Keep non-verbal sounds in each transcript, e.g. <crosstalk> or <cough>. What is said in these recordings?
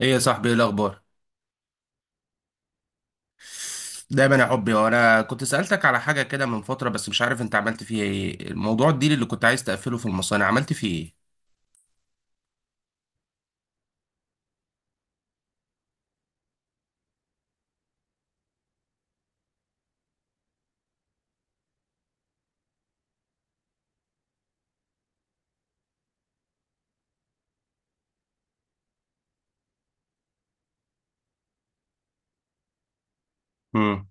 ايه يا صاحبي، ايه الاخبار؟ دايما يا حبي. وانا كنت سألتك على حاجة كده من فترة، بس مش عارف انت عملت فيها ايه. الموضوع الديل اللي كنت عايز تقفله في المصانع، عملت فيه ايه؟ امم.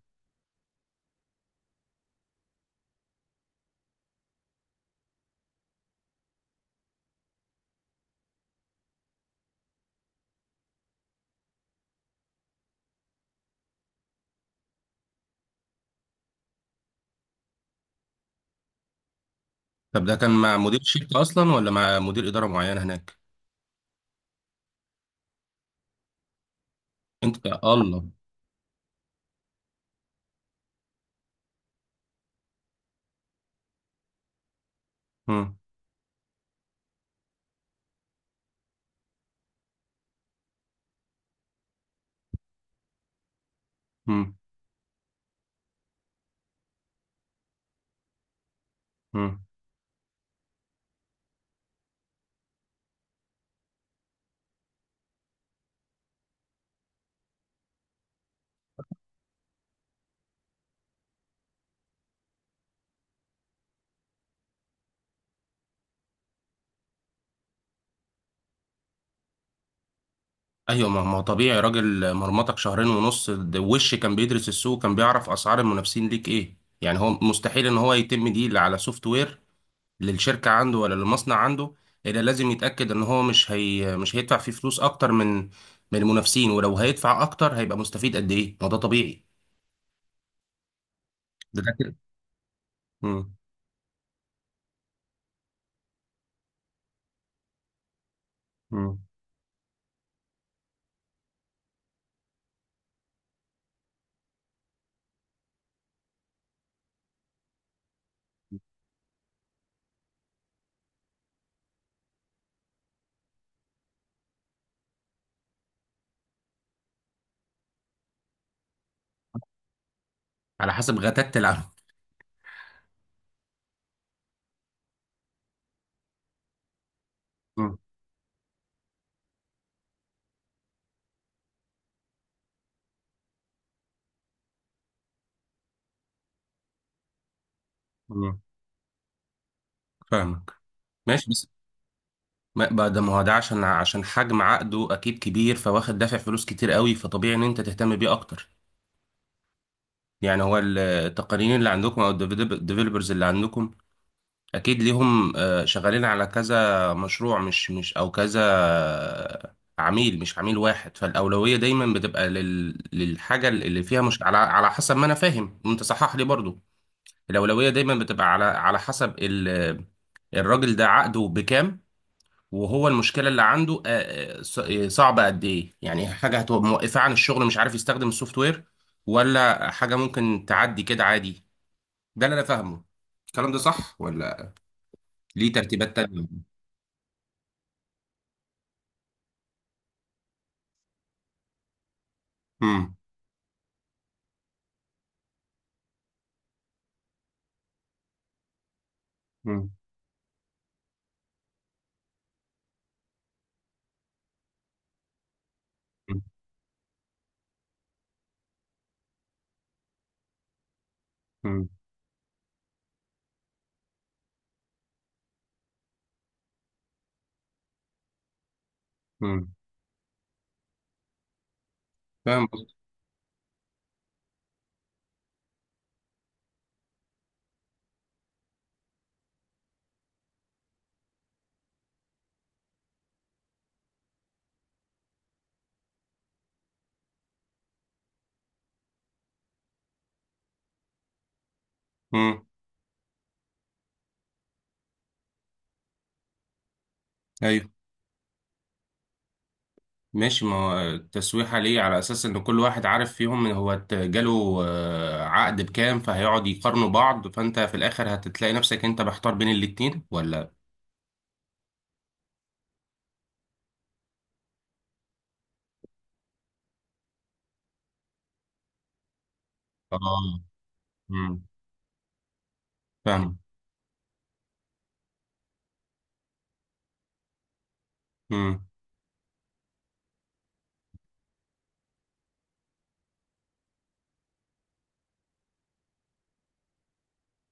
طب ده كان مع مدير شركة اصلا ولا مع مدير إدارة معين هناك؟ انت يا الله. امم. امم. امم. ايوه، ما هو طبيعي، راجل مرمطك شهرين ونص ده. وش كان بيدرس السوق، كان بيعرف اسعار المنافسين ليك ايه؟ يعني هو مستحيل ان هو يتم ديل على سوفت وير للشركة عنده ولا للمصنع عنده، إلا لازم يتأكد إن هو مش هيدفع فيه فلوس أكتر من المنافسين. ولو هيدفع أكتر هيبقى مستفيد قد إيه؟ ما ده طبيعي. ده كده. مم. مم. على حسب غتات العمل. مم. مم. فاهمك. ماشي، بس ما بقى ده، ما هو ده عشان حجم عقده أكيد كبير، فواخد دافع فلوس كتير قوي، فطبيعي إن أنت تهتم بيه أكتر. يعني هو التقنيين اللي عندكم أو الديفلوبرز اللي عندكم اكيد ليهم، شغالين على كذا مشروع، مش او كذا عميل، مش عميل واحد. فالاولويه دايما بتبقى للحاجه اللي فيها، مش على حسب ما انا فاهم، انت صحح لي برضو. الاولويه دايما بتبقى على حسب الراجل ده عقده بكام، وهو المشكله اللي عنده صعبه قد ايه. يعني حاجه هتبقى موقفه عن الشغل، مش عارف يستخدم السوفت وير، ولا حاجه ممكن تعدي كده عادي. ده اللي انا فاهمه. الكلام ده صح ولا ليه ترتيبات تانية؟ امم. امم. امم. امم. فاهم قصدك. امم. ايوه، ماشي. ما هو التسويحه ليه على اساس ان كل واحد عارف فيهم ان هو جاله عقد بكام، فهيقعد يقارنوا بعض. فانت في الاخر هتتلاقي نفسك انت محتار بين الاتنين ولا؟ اه. امم. فاهم. امم.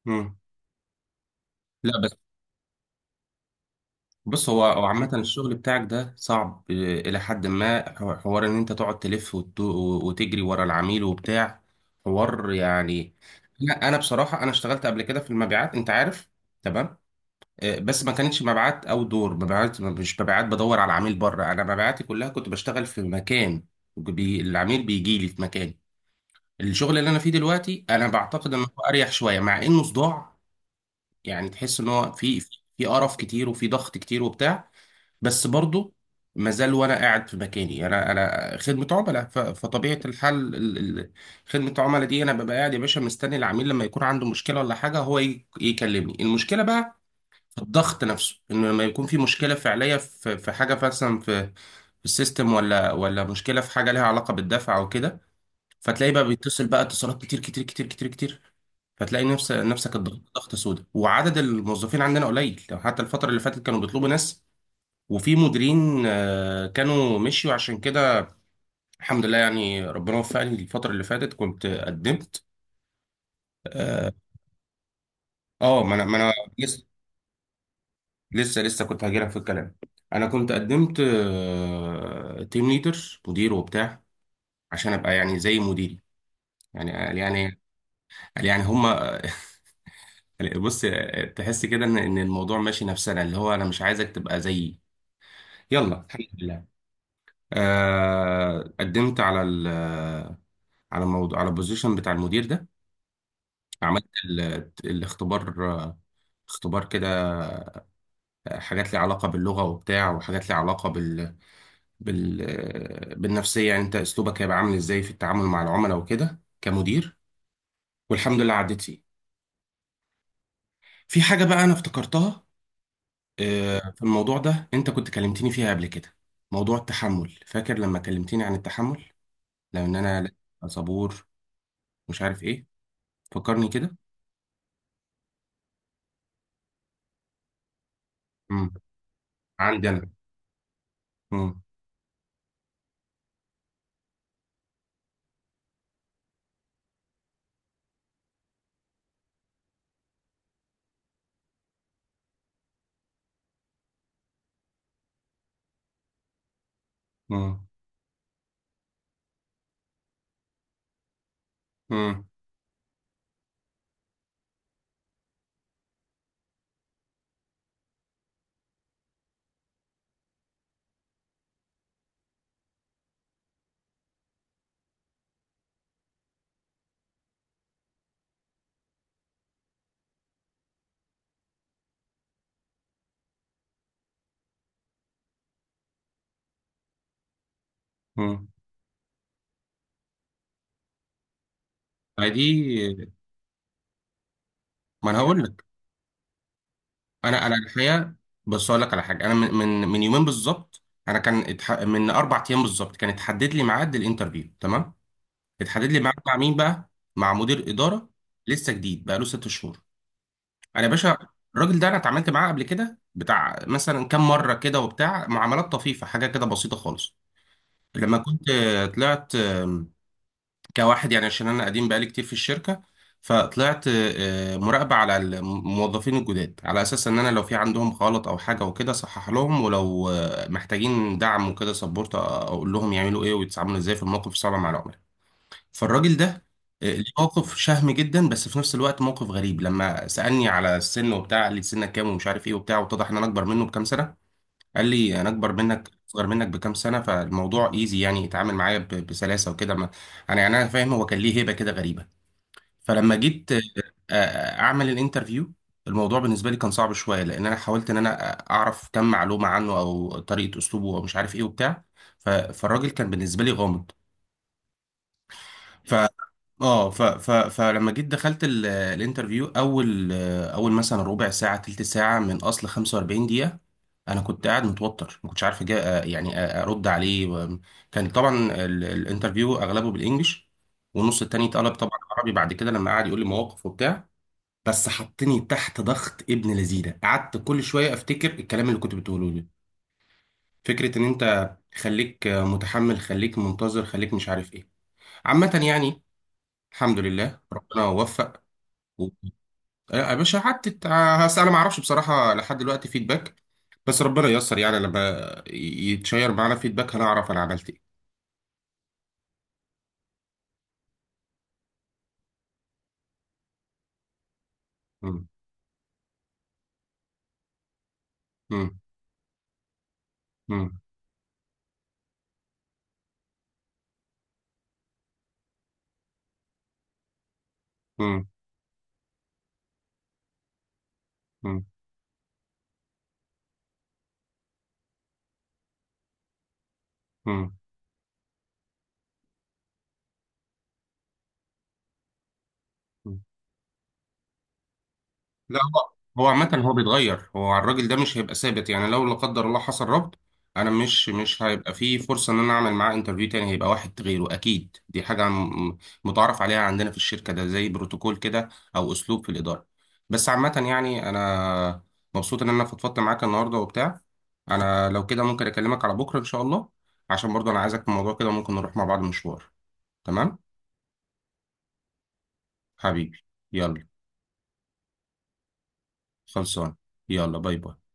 امم. لا، بص، هو عامة الشغل بتاعك ده صعب إلى حد ما. حوار إن أنت تقعد تلف وتجري ورا العميل وبتاع، حوار يعني. لا، أنا بصراحة أنا اشتغلت قبل كده في المبيعات، أنت عارف. تمام. بس ما كانتش مبيعات أو دور مبيعات، مش مبيعات بدور على العميل بره. أنا مبيعاتي كلها كنت بشتغل في مكان، بي العميل بيجي لي في مكان. الشغل اللي أنا فيه دلوقتي، أنا بعتقد إنه أريح شوية مع إنه صداع. يعني تحس إن هو في قرف كتير وفي ضغط كتير وبتاع، بس برضه ما زال. وانا قاعد في مكاني، انا خدمه عملاء، فطبيعه الحال خدمه العملاء دي، انا ببقى قاعد يا باشا مستني العميل لما يكون عنده مشكله ولا حاجه، هو يكلمني المشكله بقى. في الضغط نفسه انه لما يكون في مشكله فعليه، في حاجه مثلا في السيستم، ولا مشكله في حاجه لها علاقه بالدفع او كده. فتلاقيه بقى بيتصل بقى اتصالات كتير كتير كتير كتير كتير. فتلاقي نفسك الضغط ضغط سودا، وعدد الموظفين عندنا قليل، لو حتى الفتره اللي فاتت كانوا بيطلبوا ناس. وفي مديرين كانوا مشيوا عشان كده. الحمد لله يعني ربنا وفقني. الفترة اللي فاتت كنت قدمت. اه. ما انا لسه لسه كنت هجيلك في الكلام. انا كنت قدمت تيم ليدر، مدير وبتاع، عشان ابقى يعني زي مديري. يعني قال يعني قال يعني هما. <laughs> بص، تحس كده ان الموضوع ماشي نفسنا، اللي هو انا مش عايزك تبقى زيي. يلا الحمد لله. آه، قدمت على ال آه، على الموضوع، على البوزيشن بتاع المدير ده. عملت الاختبار، اختبار كده، حاجات ليها علاقة باللغة وبتاع، وحاجات ليها علاقة بال... بالنفسية. يعني انت اسلوبك هيبقى عامل ازاي في التعامل مع العملاء وكده كمدير. والحمد لله عديت فيه. في حاجة بقى انا افتكرتها في الموضوع ده، انت كنت كلمتني فيها قبل كده. موضوع التحمل، فاكر لما كلمتني عن التحمل، لان انا لأ، صبور، مش عارف ايه. فكرني كده. مم. عندي انا. مم. مم. مم. مم. فدي. ما انا هقول لك. انا الحقيقه، بس اقول لك على حاجه. انا من يومين بالظبط، من 4 ايام بالظبط كان اتحدد لي ميعاد الانترفيو. تمام. اتحدد لي ميعاد مع مين بقى؟ مع مدير اداره، لسه جديد بقى له 6 شهور. انا يا باشا الراجل ده انا اتعاملت معاه قبل كده بتاع مثلا كام مره كده وبتاع، معاملات طفيفه، حاجه كده بسيطه خالص. لما كنت طلعت كواحد يعني، عشان انا قديم بقالي كتير في الشركه، فطلعت مراقبه على الموظفين الجداد، على اساس ان انا لو في عندهم غلط او حاجه وكده اصحح لهم، ولو محتاجين دعم وكده سبورت، اقول لهم يعملوا ايه ويتعاملوا ازاي في الموقف الصعب مع العملاء. فالراجل ده ليه موقف شهم جدا، بس في نفس الوقت موقف غريب، لما سالني على السن وبتاع. قال لي سنك كام ومش عارف ايه وبتاع، واتضح ان انا اكبر منه بكام سنه. قال لي انا اكبر منك اصغر منك بكام سنه، فالموضوع ايزي يعني، اتعامل معايا بسلاسه وكده. ما انا يعني انا فاهم هو كان ليه هيبه كده غريبه. فلما جيت اعمل الانترفيو، الموضوع بالنسبه لي كان صعب شويه، لان انا حاولت ان انا اعرف كم معلومه عنه او طريقه اسلوبه او مش عارف ايه وبتاع. فالراجل كان بالنسبه لي غامض. اه. ف ف فلما جيت دخلت الانترفيو، اول مثلا ربع ساعه تلت ساعه من اصل 45 دقيقه، انا كنت قاعد متوتر، ما كنتش عارف أجا آه، يعني أ- ارد عليه. كان طبعا الانترفيو اغلبه بالانجلش، والنص التاني اتقلب طبعا عربي بعد كده، لما قعد يقول لي مواقف وبتاع. بس حطني تحت ضغط ابن لذينه، قعدت كل شويه افتكر الكلام اللي كنت بتقوله لي، فكره ان انت خليك متحمل، خليك منتظر، خليك مش عارف ايه. عامه يعني، الحمد لله ربنا وفق. يا باشا، حتى انا ما اعرفش بصراحه لحد دلوقتي فيدباك، بس ربنا ييسر يعني، لما يتشير معانا فيدباك هنعرف انا عملت ايه. مم. مم. مم. مم. مم. مم. لا، هو عامة هو بيتغير. هو الراجل ده مش هيبقى ثابت يعني. لو لا قدر الله حصل ربط، انا مش هيبقى فيه فرصة ان انا اعمل معاه انترفيو تاني، هيبقى واحد غيره اكيد. دي حاجة متعارف عليها عندنا في الشركة، ده زي بروتوكول كده او اسلوب في الإدارة. بس عامة يعني انا مبسوط ان انا فضفضت معاك النهاردة وبتاع. انا لو كده ممكن اكلمك على بكرة ان شاء الله، عشان برضه انا عايزك في الموضوع كده، ممكن نروح مع بعض مشوار. تمام حبيبي، يلا. خلصان. يلا باي باي.